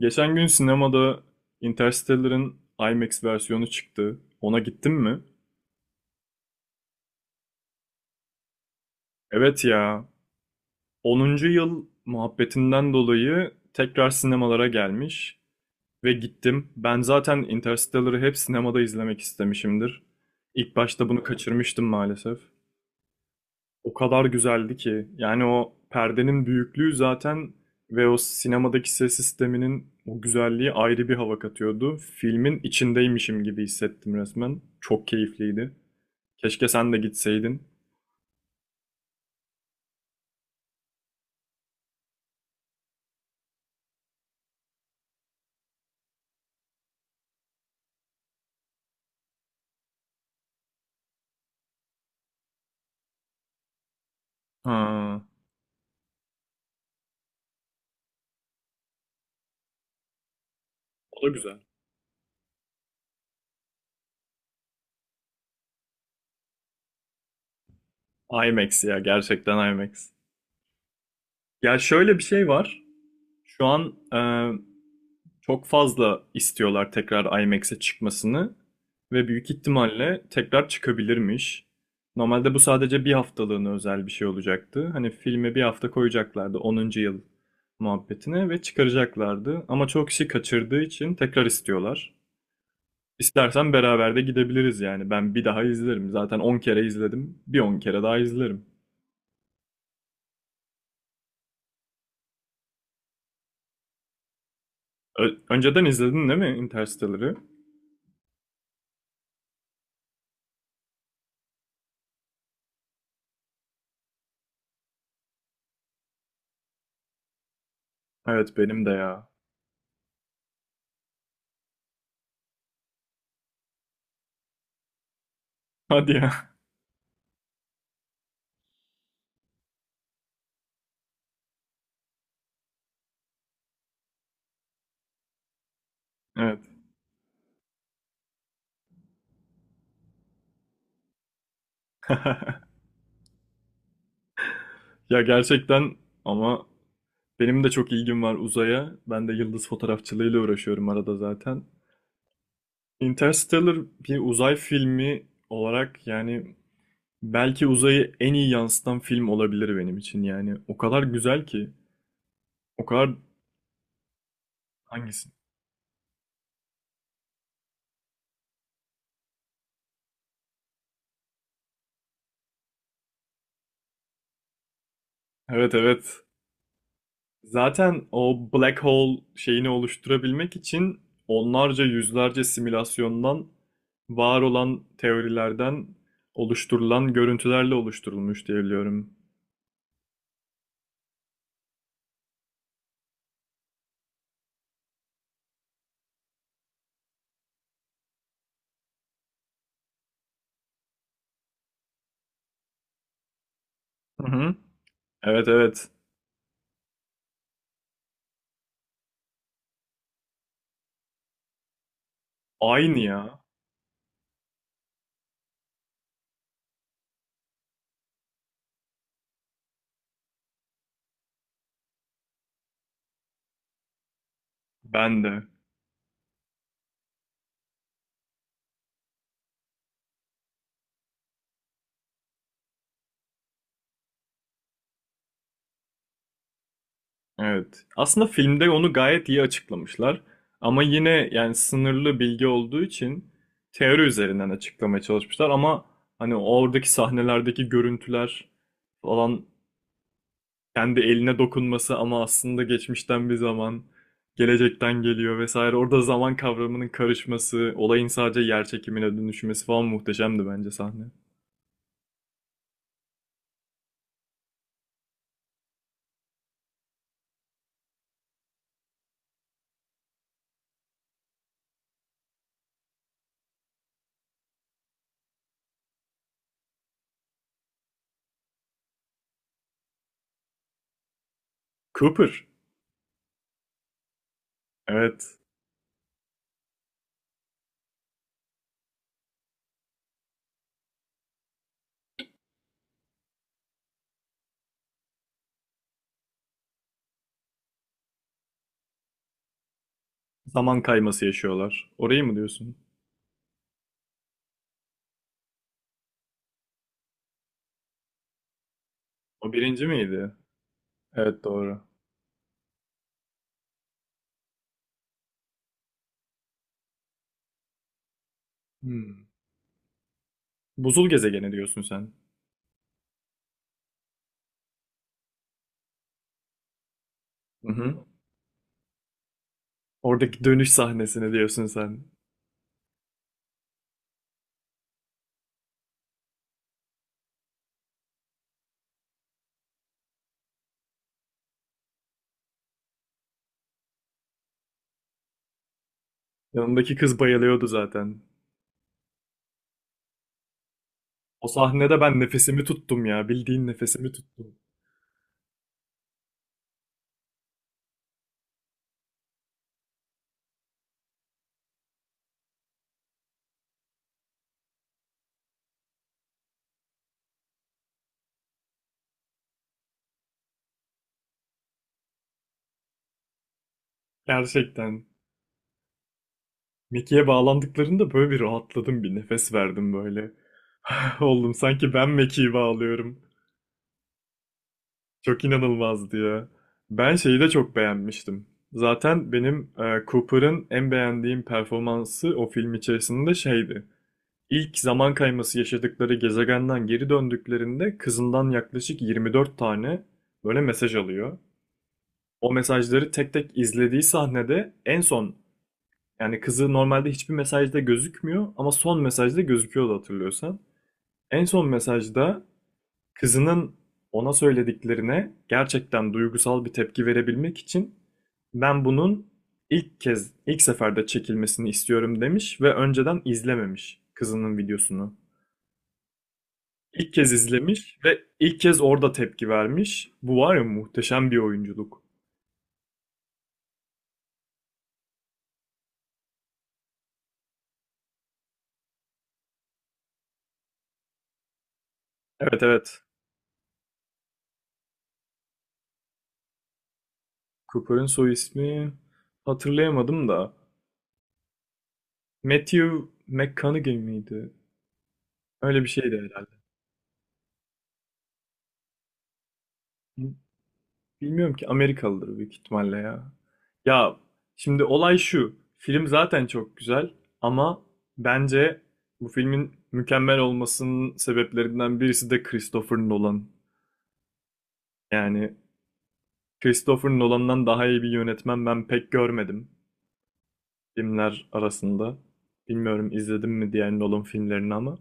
Geçen gün sinemada Interstellar'ın IMAX versiyonu çıktı. Ona gittin mi? Evet ya. Onuncu yıl muhabbetinden dolayı tekrar sinemalara gelmiş ve gittim. Ben zaten Interstellar'ı hep sinemada izlemek istemişimdir. İlk başta bunu kaçırmıştım maalesef. O kadar güzeldi ki. Yani o perdenin büyüklüğü zaten ve o sinemadaki ses sisteminin o güzelliği ayrı bir hava katıyordu. Filmin içindeymişim gibi hissettim resmen. Çok keyifliydi. Keşke sen de gitseydin. Ha, o da güzel. IMAX ya, gerçekten IMAX. Ya şöyle bir şey var. Şu an çok fazla istiyorlar tekrar IMAX'e çıkmasını ve büyük ihtimalle tekrar çıkabilirmiş. Normalde bu sadece bir haftalığına özel bir şey olacaktı. Hani filme bir hafta koyacaklardı onuncu yıl muhabbetine ve çıkaracaklardı. Ama çok kişi kaçırdığı için tekrar istiyorlar. İstersen beraber de gidebiliriz yani. Ben bir daha izlerim. Zaten 10 kere izledim. Bir 10 kere daha izlerim. Önceden izledin değil mi Interstellar'ı? Evet benim de ya. Hadi ya. Evet. Ya gerçekten ama benim de çok ilgim var uzaya. Ben de yıldız fotoğrafçılığıyla uğraşıyorum arada zaten. Interstellar bir uzay filmi olarak yani belki uzayı en iyi yansıtan film olabilir benim için yani. O kadar güzel ki. O kadar hangisi? Evet evet. Zaten o black hole şeyini oluşturabilmek için onlarca yüzlerce simülasyondan var olan teorilerden oluşturulan görüntülerle oluşturulmuş diye biliyorum. Hı hı. Evet evet. Aynı ya. Ben de. Evet. Aslında filmde onu gayet iyi açıklamışlar. Ama yine yani sınırlı bilgi olduğu için teori üzerinden açıklamaya çalışmışlar ama hani oradaki sahnelerdeki görüntüler falan, kendi eline dokunması ama aslında geçmişten bir zaman, gelecekten geliyor vesaire. Orada zaman kavramının karışması, olayın sadece yer çekimine dönüşmesi falan muhteşemdi bence sahne. Cooper. Evet. Zaman kayması yaşıyorlar. Orayı mı diyorsun? O birinci miydi? Evet doğru. Hmm. Buzul gezegeni diyorsun sen. Hı hı. Oradaki dönüş sahnesini diyorsun sen. Yanındaki kız bayılıyordu zaten. O sahnede ben nefesimi tuttum ya. Bildiğin nefesimi tuttum. Gerçekten. Mickey'e bağlandıklarında böyle bir rahatladım. Bir nefes verdim böyle. Oğlum sanki ben Mekiği bağlıyorum. Çok inanılmazdı ya. Ben şeyi de çok beğenmiştim. Zaten benim Cooper'ın en beğendiğim performansı o film içerisinde şeydi. İlk zaman kayması yaşadıkları gezegenden geri döndüklerinde kızından yaklaşık 24 tane böyle mesaj alıyor. O mesajları tek tek izlediği sahnede en son, yani kızı normalde hiçbir mesajda gözükmüyor ama son mesajda gözüküyordu hatırlıyorsan. En son mesajda kızının ona söylediklerine gerçekten duygusal bir tepki verebilmek için ben bunun ilk kez, ilk seferde çekilmesini istiyorum demiş ve önceden izlememiş kızının videosunu. İlk kez izlemiş ve ilk kez orada tepki vermiş. Bu var ya, muhteşem bir oyunculuk. Evet evet. Cooper'ın soy ismi hatırlayamadım da. Matthew McConaughey miydi? Öyle bir şeydi herhalde. Bilmiyorum ki, Amerikalıdır büyük ihtimalle ya. Ya şimdi olay şu. Film zaten çok güzel ama bence bu filmin mükemmel olmasının sebeplerinden birisi de Christopher Nolan. Yani Christopher Nolan'dan daha iyi bir yönetmen ben pek görmedim filmler arasında. Bilmiyorum izledim mi diğer Nolan filmlerini ama.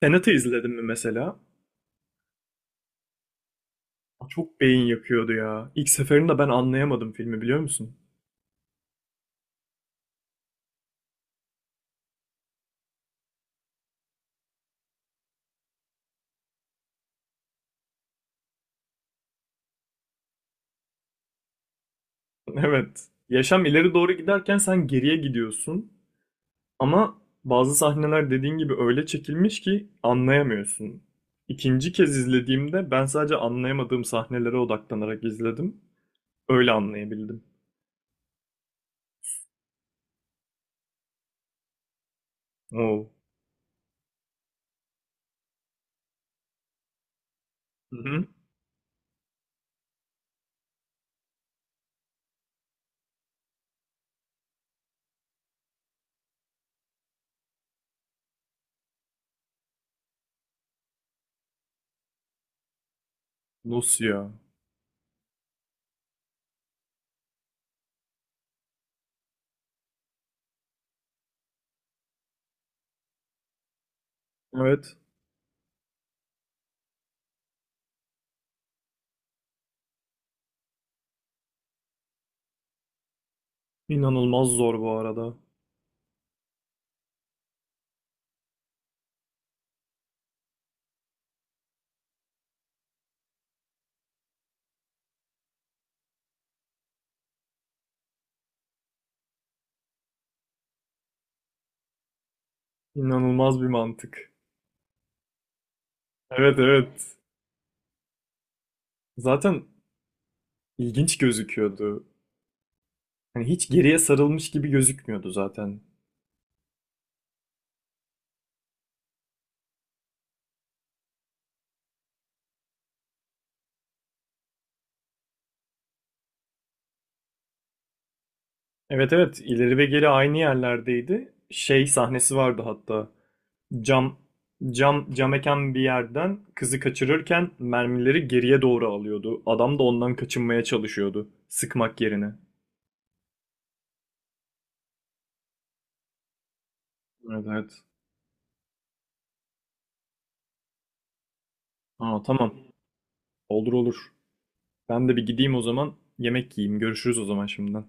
Tenet'i izledim mi mesela? Çok beyin yakıyordu ya. İlk seferinde ben anlayamadım filmi, biliyor musun? Evet. Yaşam ileri doğru giderken sen geriye gidiyorsun. Ama bazı sahneler dediğin gibi öyle çekilmiş ki anlayamıyorsun. İkinci kez izlediğimde ben sadece anlayamadığım sahnelere odaklanarak izledim. Öyle anlayabildim. Oo. Hı hı. Nasıl ya? Evet. İnanılmaz zor bu arada. İnanılmaz bir mantık. Evet evet. Zaten ilginç gözüküyordu. Hani hiç geriye sarılmış gibi gözükmüyordu zaten. Evet evet, ileri ve geri aynı yerlerdeydi. Şey sahnesi vardı hatta. Cam cam eken bir yerden kızı kaçırırken mermileri geriye doğru alıyordu. Adam da ondan kaçınmaya çalışıyordu sıkmak yerine. Evet evet. Aa, tamam. Olur olur. Ben de bir gideyim o zaman. Yemek yiyeyim. Görüşürüz o zaman şimdiden.